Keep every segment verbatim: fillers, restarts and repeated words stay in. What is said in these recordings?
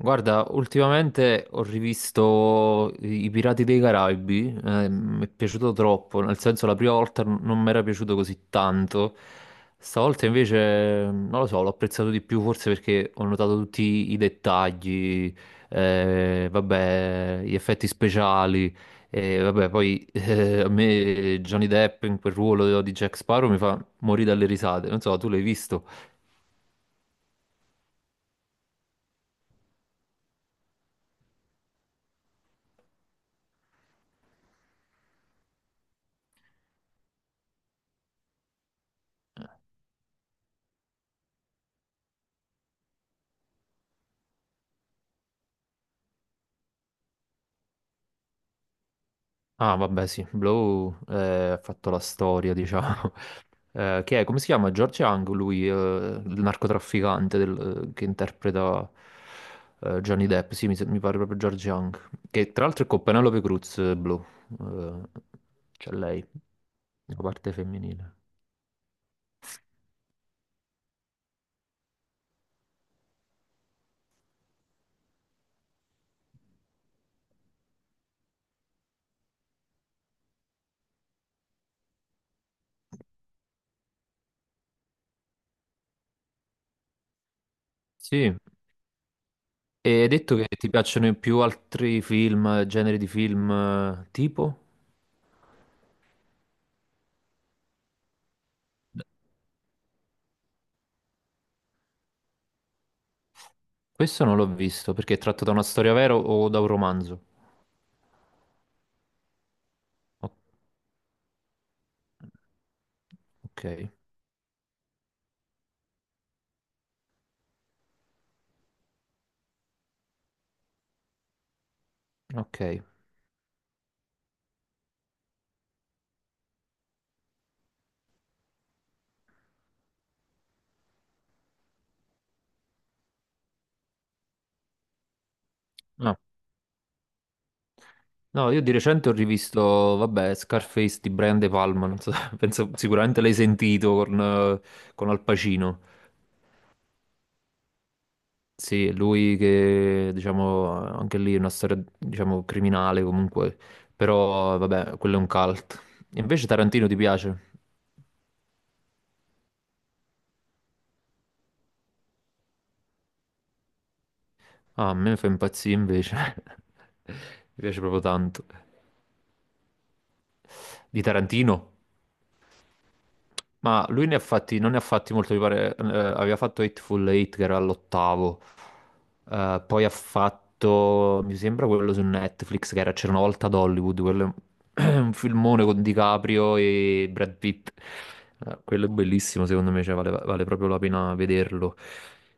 Guarda, ultimamente ho rivisto I i Pirati dei Caraibi, eh, mi è piaciuto troppo, nel senso la prima volta n- non mi era piaciuto così tanto. Stavolta invece non lo so, l'ho apprezzato di più forse perché ho notato tutti i dettagli, eh, vabbè, gli effetti speciali. E vabbè, poi eh, a me Johnny Depp in quel ruolo di Jack Sparrow mi fa morire dalle risate, non so, tu l'hai visto? Ah, vabbè, sì, Blow eh, ha fatto la storia, diciamo. Eh, che è, come si chiama? George Young, lui, eh, il narcotrafficante del- eh, che interpreta eh, Johnny Depp. Sì, mi, se- mi pare proprio George Young. Che tra l'altro è con Penelope Cruz, eh, Blow. Eh, C'è lei, la parte femminile. Sì, e hai detto che ti piacciono più altri film, generi di film, eh, tipo? Questo non l'ho visto, perché è tratto da una storia vera o da un romanzo? O- ok, ok. No, no, io di recente ho rivisto, vabbè, Scarface di Brian De Palma, non so, penso sicuramente l'hai sentito con, eh, con Al Pacino. Sì, è lui che, diciamo, anche lì è una storia, diciamo, criminale comunque, però vabbè, quello è un cult. Invece Tarantino ti piace? Ah, a me fa impazzire invece, mi piace proprio tanto. Di Tarantino? Ma lui ne ha fatti, non ne ha fatti molto, mi pare, eh, aveva fatto Hateful Eight che era all'ottavo. Eh, poi ha fatto, mi sembra, quello su Netflix che era C'era una volta ad Hollywood, quello è un un filmone con DiCaprio e Brad Pitt. Eh, quello è bellissimo secondo me, cioè, vale, vale proprio la pena vederlo.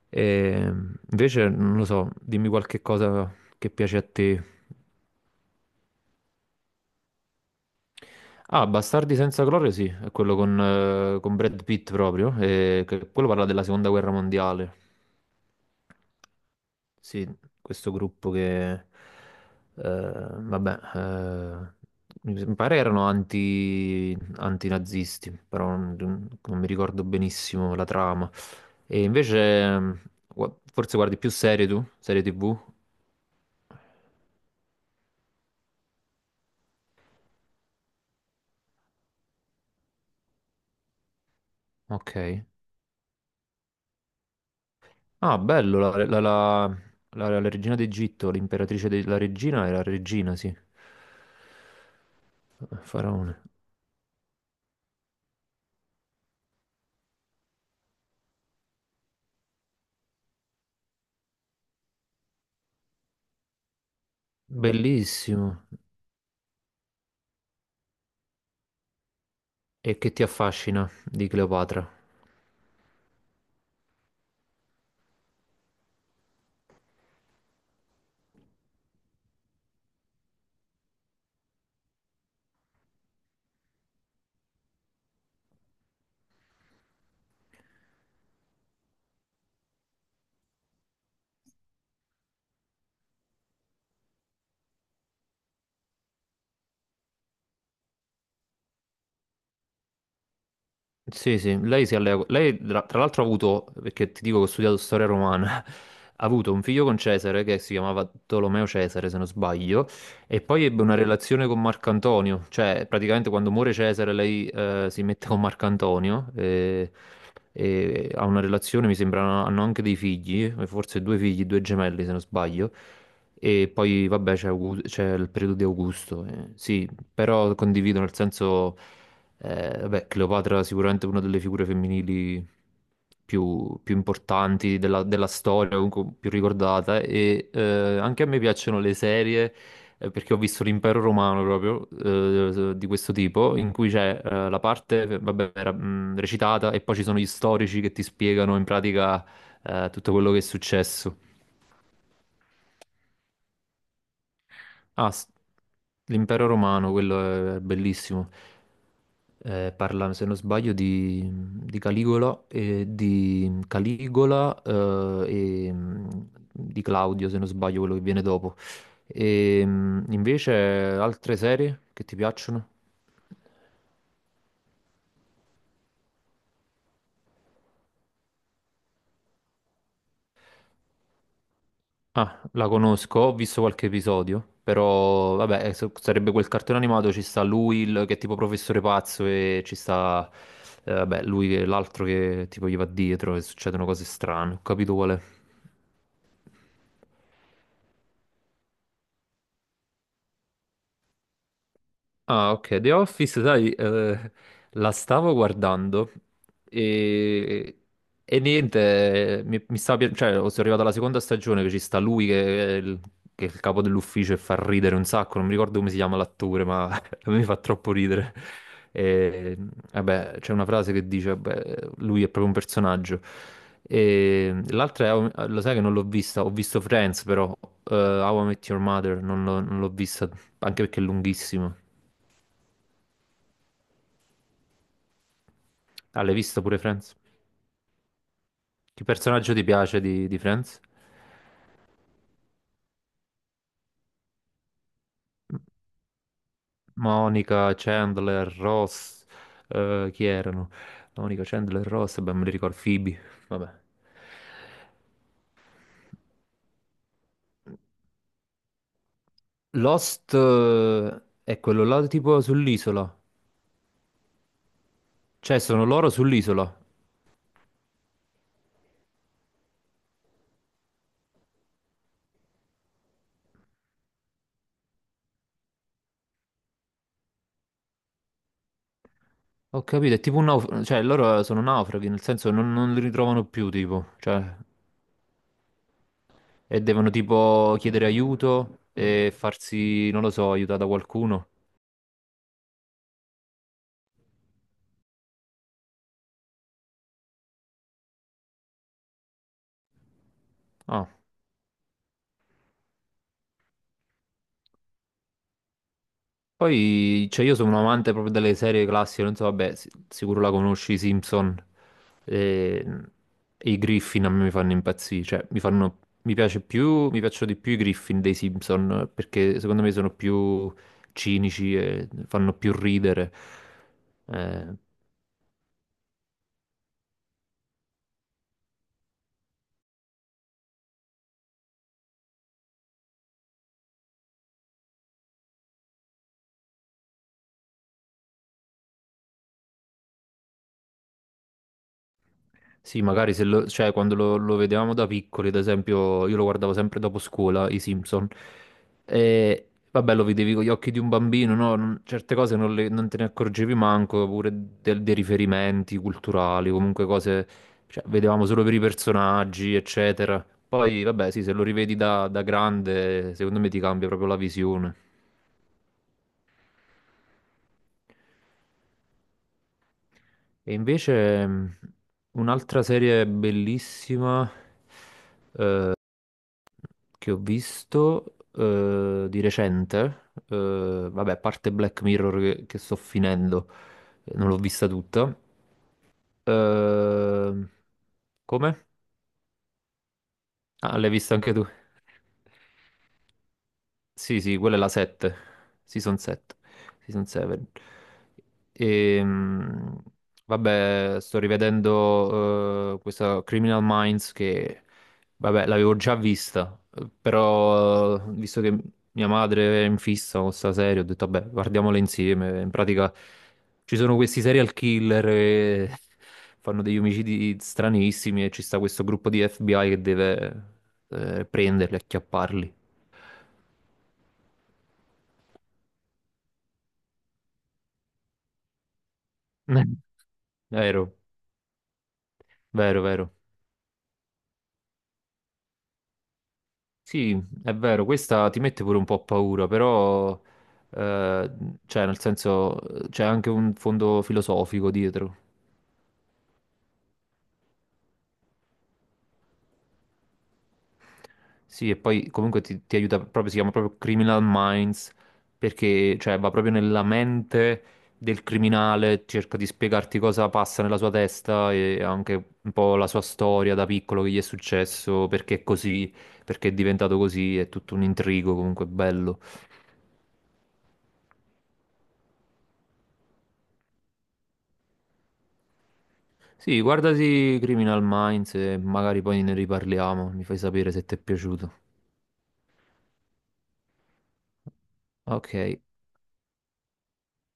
E invece, non lo so, dimmi qualche cosa che piace a te. Ah, Bastardi senza gloria, sì, è quello con, eh, con Brad Pitt proprio, e che- quello parla della seconda guerra mondiale. Sì, questo gruppo che, eh, vabbè, eh, mi sem- pare erano anti, antinazisti, però non, non mi ricordo benissimo la trama. E invece, mm, gua- forse guardi più serie tu? Serie ti vù? Ok. Ah, bello, la, la- la- la- la regina d'Egitto, l'imperatrice della regina era regina, sì, faraone. Bellissimo. E che ti affascina di Cleopatra? Sì, sì, lei si allea. co- Lei tra tra l'altro ha avuto, perché ti dico che ho studiato storia romana, ha avuto un figlio con Cesare che si chiamava Tolomeo Cesare, se non sbaglio. E poi ebbe una relazione con Marco Antonio, cioè praticamente quando muore Cesare lei, eh, si mette con Marco Antonio, e, e ha una relazione, mi sembra, hanno anche dei figli, eh, forse due figli, due gemelli se non sbaglio. E poi vabbè c'è Augu- c'è il periodo di Augusto, eh, sì, però condivido nel senso... Eh, vabbè, Cleopatra è sicuramente una delle figure femminili più, più importanti della, della storia, comunque più ricordata. E eh, anche a me piacciono le serie, eh, perché ho visto l'Impero Romano proprio, eh, di questo tipo, in cui c'è, eh, la parte, vabbè, era, mh, recitata, e poi ci sono gli storici che ti spiegano in pratica eh, tutto quello che è successo. Ah, s- l'Impero Romano, quello è bellissimo. Eh, parla, se non sbaglio, di, di Caligola e di Caligola eh, e mm, di Claudio, se non sbaglio, quello che viene dopo. E mm, invece altre serie che ti piacciono? Ah, la conosco, ho visto qualche episodio, però vabbè, eh, so- sarebbe quel cartone animato, ci sta lui il- che è tipo professore pazzo, e ci sta, eh, vabbè, lui che l'altro che tipo gli va dietro e succedono cose strane, ho capito qual è. Ah, ok, The Office, sai, eh, la stavo guardando, e, e niente, eh, mi, mi stava pi- cioè, oh, sono arrivato alla seconda stagione, che ci sta lui che è il, che è il capo dell'ufficio, e fa ridere un sacco, non mi ricordo come si chiama l'attore, ma a me fa troppo ridere. E, vabbè, c'è una frase che dice, vabbè, lui è proprio un personaggio. E l'altra è, How- lo sai che non l'ho vista, ho visto Friends però, eh, How I Met Your Mother, non l'ho non l'ho vista, anche perché è lunghissimo. Ah, l'hai visto pure Friends? Che personaggio ti piace di, di Friends? Monica, Chandler, Ross, eh, chi erano? Monica, Chandler, Ross, beh, me li ricordo, Phoebe, vabbè. Lost, eh, è quello là tipo sull'isola. Cioè, sono loro sull'isola. Ho capito, è tipo un naufrago, cioè loro sono naufraghi, nel senso non, non li ritrovano più, tipo, cioè, e devono tipo chiedere aiuto e farsi, non lo so, aiutare da qualcuno. Ah. Poi, cioè, io sono un amante proprio delle serie classiche, non so, vabbè, si- sicuro la conosci, i Simpson, e, e i Griffin a me mi fanno impazzire, cioè, mi fanno, mi piace più, mi piacciono di più i Griffin dei Simpson, perché secondo me sono più cinici e fanno più ridere. Eh, Sì, magari se lo- cioè, quando lo, lo vedevamo da piccoli, ad esempio, io lo guardavo sempre dopo scuola, i Simpson. E vabbè, lo vedevi con gli occhi di un bambino, no? Non- certe cose non, le- non te ne accorgevi manco, pure del- dei riferimenti culturali, comunque cose, cioè, vedevamo solo per i personaggi, eccetera. Poi, vabbè, sì, se lo rivedi da, da grande, secondo me ti cambia proprio la visione. E invece, mh, un'altra serie bellissima che ho visto, eh, di recente, eh, vabbè, a parte Black Mirror che, che sto finendo, non l'ho vista tutta. Eh, come? Ah, l'hai vista anche tu? Sì, sì, quella è la sette, Season sette, Season sette. Ehm, vabbè, sto rivedendo, eh, questa Criminal Minds che, vabbè, l'avevo già vista, eh, però, eh, visto che mia madre è in fissa con questa serie, ho detto, vabbè, guardiamola insieme. In pratica ci sono questi serial killer che fanno degli omicidi stranissimi, e ci sta questo gruppo di F B I che deve, eh, prenderli, acchiapparli. Vero. Vero, vero. Sì, è vero, questa ti mette pure un po' paura, però, eh, cioè, nel senso, c'è anche un fondo filosofico dietro. Sì, e poi comunque ti, ti aiuta proprio, si chiama proprio Criminal Minds, perché, cioè, va proprio nella mente del criminale, cerca di spiegarti cosa passa nella sua testa, e anche un po' la sua storia da piccolo, che gli è successo, perché è così, perché è diventato così, è tutto un intrigo comunque bello. Sì, guardati Criminal Minds e magari poi ne riparliamo, mi fai sapere se ti è piaciuto. Ok,